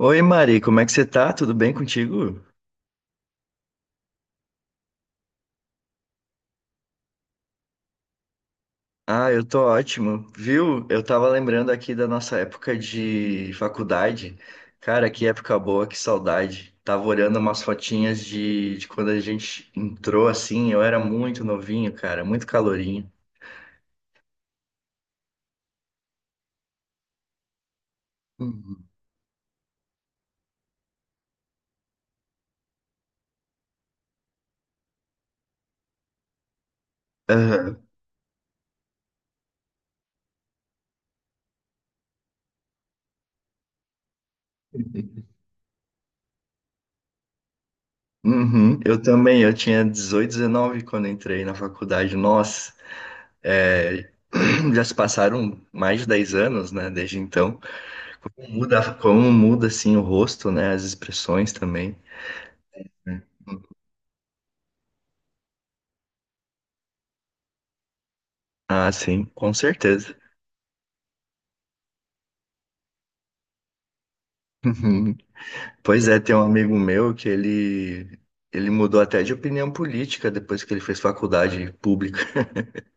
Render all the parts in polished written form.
Oi, Mari, como é que você tá? Tudo bem contigo? Ah, eu tô ótimo. Viu? Eu tava lembrando aqui da nossa época de faculdade. Cara, que época boa, que saudade. Tava olhando umas fotinhas de quando a gente entrou assim. Eu era muito novinho, cara, muito calorinho. Uhum. Aham. Uhum. Eu também, eu tinha 18, 19 quando entrei na faculdade. Nossa, é, já se passaram mais de 10 anos, né, desde então. Como muda assim o rosto, né? As expressões também. Ah, sim, com certeza. Uhum. Pois é, tem um amigo meu que ele mudou até de opinião política depois que ele fez faculdade pública.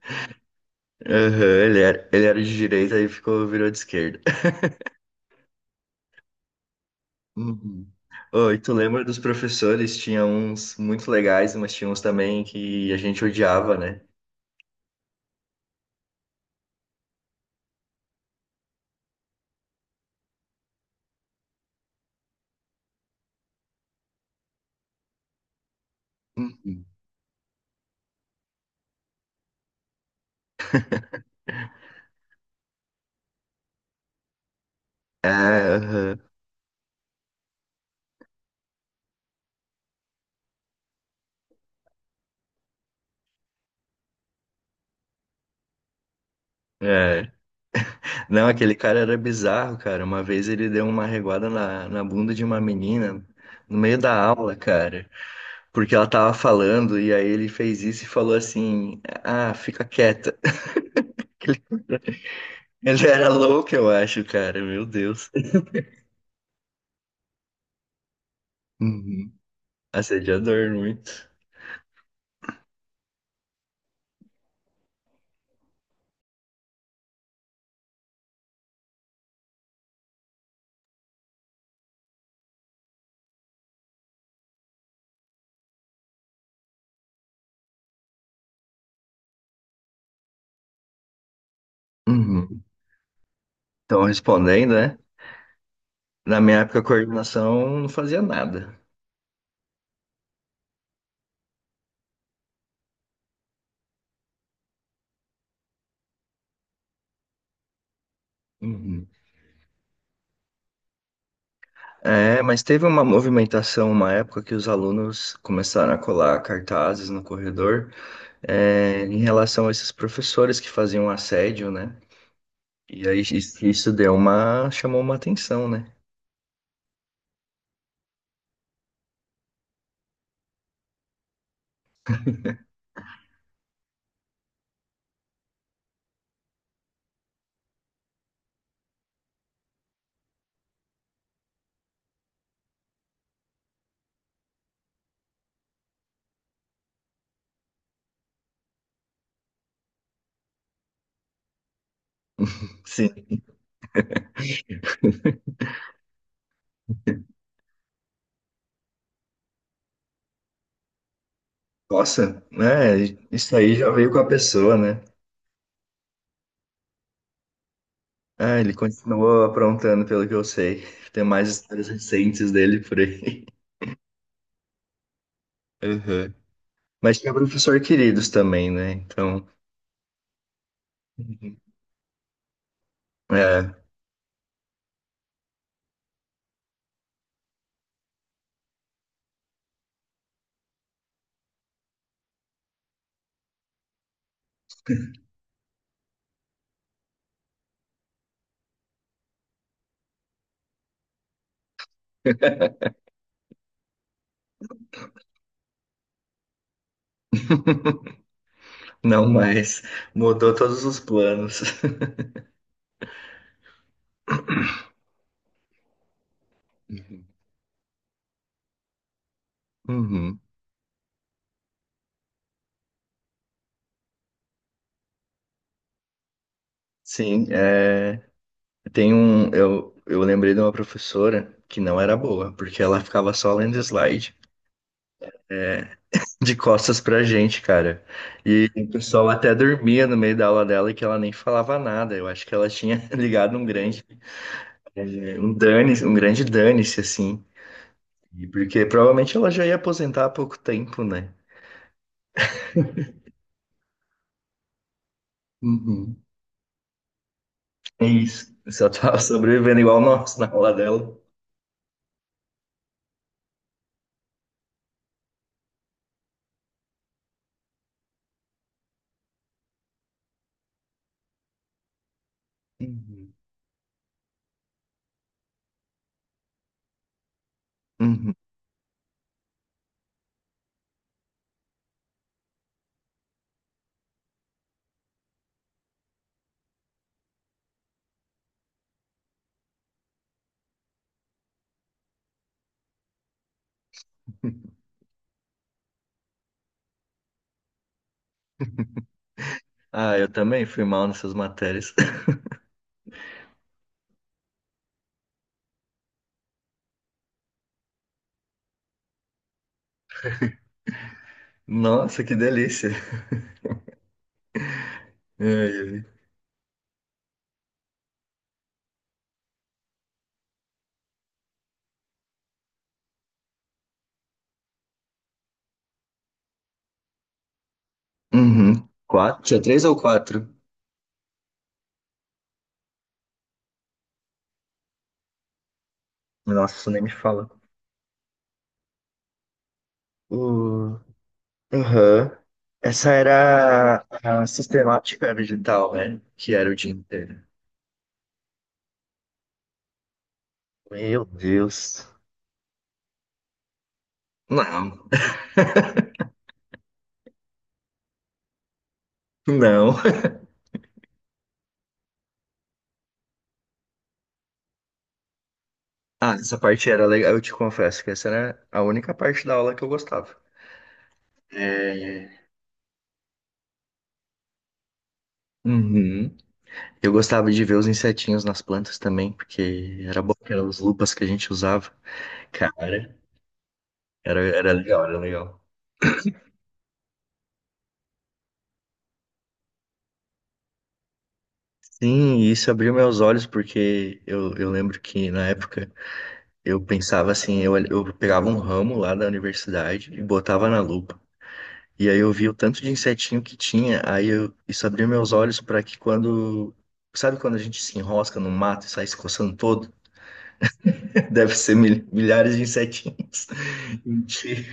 Aham, ele era de direita e ficou virou de esquerda. Uhum. Oh, e tu lembra dos professores? Tinha uns muito legais, mas tinha uns também que a gente odiava, né? Uhum. É, aham. É. Não, aquele cara era bizarro, cara. Uma vez ele deu uma reguada na bunda de uma menina no meio da aula, cara, porque ela tava falando e aí ele fez isso e falou assim: Ah, fica quieta. Ele era louco, eu acho, cara. Meu Deus. Uhum. Assediador, muito. Uhum. Então, respondendo, né? Na minha época, a coordenação não fazia nada. Uhum. É, mas teve uma movimentação, uma época que os alunos começaram a colar cartazes no corredor. É, em relação a esses professores que faziam assédio, né? E aí isso chamou uma atenção, né? Sim. Nossa, né? Isso aí já veio com a pessoa, né? Ah, ele continuou aprontando, pelo que eu sei. Tem mais histórias recentes dele por aí. Aham. Mas tinha professor queridos também, né? Então, é, não mais. Mudou todos os planos. Uhum. Sim, é. Eu lembrei de uma professora que não era boa, porque ela ficava só lendo slide de costas pra gente, cara. E o pessoal até dormia no meio da aula dela e que ela nem falava nada. Eu acho que ela tinha ligado um grande, eh, um dane, um grande dane-se, assim. E porque provavelmente ela já ia aposentar há pouco tempo, né? Uhum. É isso. Só tava sobrevivendo igual nós na aula dela. Uhum. Uhum. Ah, eu também fui mal nessas matérias. Nossa, que delícia. É, é. Uhum. Quatro? Tinha três ou quatro? Nossa, nem me fala. O Uhum. Essa era a sistemática digital, né? Que era o dia inteiro. Meu Deus. Não, não. Ah, essa parte era legal. Eu te confesso que essa era a única parte da aula que eu gostava. É. Uhum. Eu gostava de ver os insetinhos nas plantas também, porque era bom, que eram as lupas que a gente usava. Cara, era legal, era legal. Sim, e isso abriu meus olhos porque eu lembro que na época eu pensava assim, eu pegava um ramo lá da universidade e botava na lupa. E aí eu vi o tanto de insetinho que tinha, isso abriu meus olhos para que quando, sabe quando a gente se enrosca no mato e sai se coçando todo? Deve ser milhares de insetinhos. Mentira.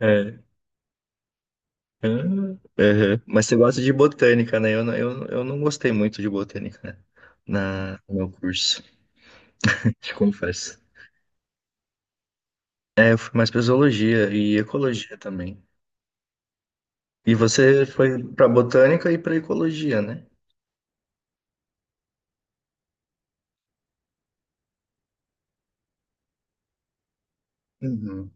É. Ah, aham. Mas você gosta de botânica, né? Eu não gostei muito de botânica né? No meu curso, te confesso. É, eu fui mais para zoologia e ecologia também. E você foi para botânica e para ecologia, né? Uhum.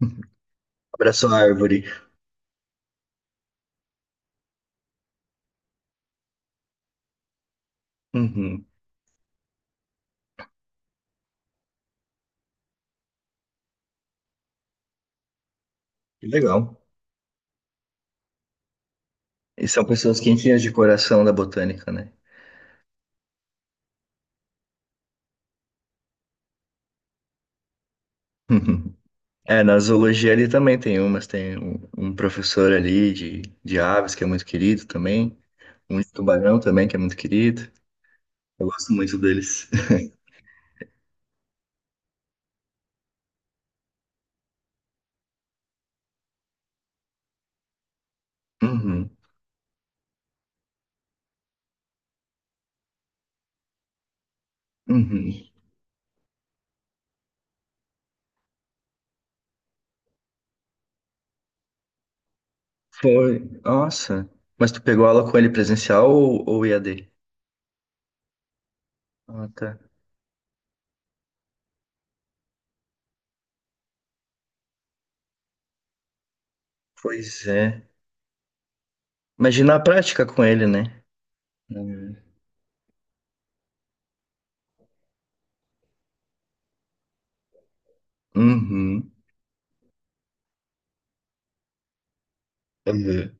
Abraço à árvore. Uhum. Que legal. E são pessoas quentinhas de coração da botânica, né? Uhum. É, na zoologia ali também tem um professor ali de aves que é muito querido também, um de tubarão também que é muito querido. Eu gosto muito deles. Uhum. Uhum. Foi, nossa. Mas tu pegou aula com ele presencial ou EAD? Ah, tá. Pois é. Imagina a prática com ele, né? Uhum. Uhum. Uhum.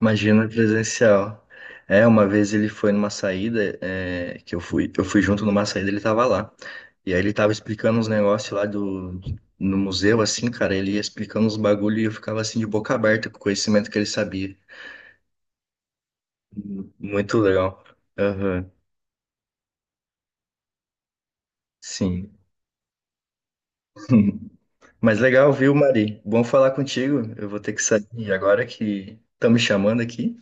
Imagina presencial. É, uma vez ele foi numa saída, é, que eu fui, junto numa saída, ele tava lá. E aí ele tava explicando uns negócios lá no museu, assim, cara, ele ia explicando uns bagulho e eu ficava assim de boca aberta com o conhecimento que ele sabia. Muito legal. Aham, sim. Mas legal, viu, Mari? Bom falar contigo. Eu vou ter que sair agora que estão me chamando aqui.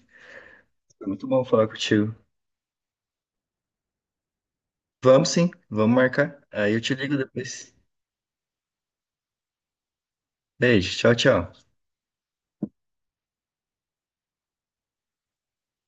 Foi muito bom falar contigo. Vamos sim, vamos marcar. Aí eu te ligo depois. Beijo, tchau, tchau.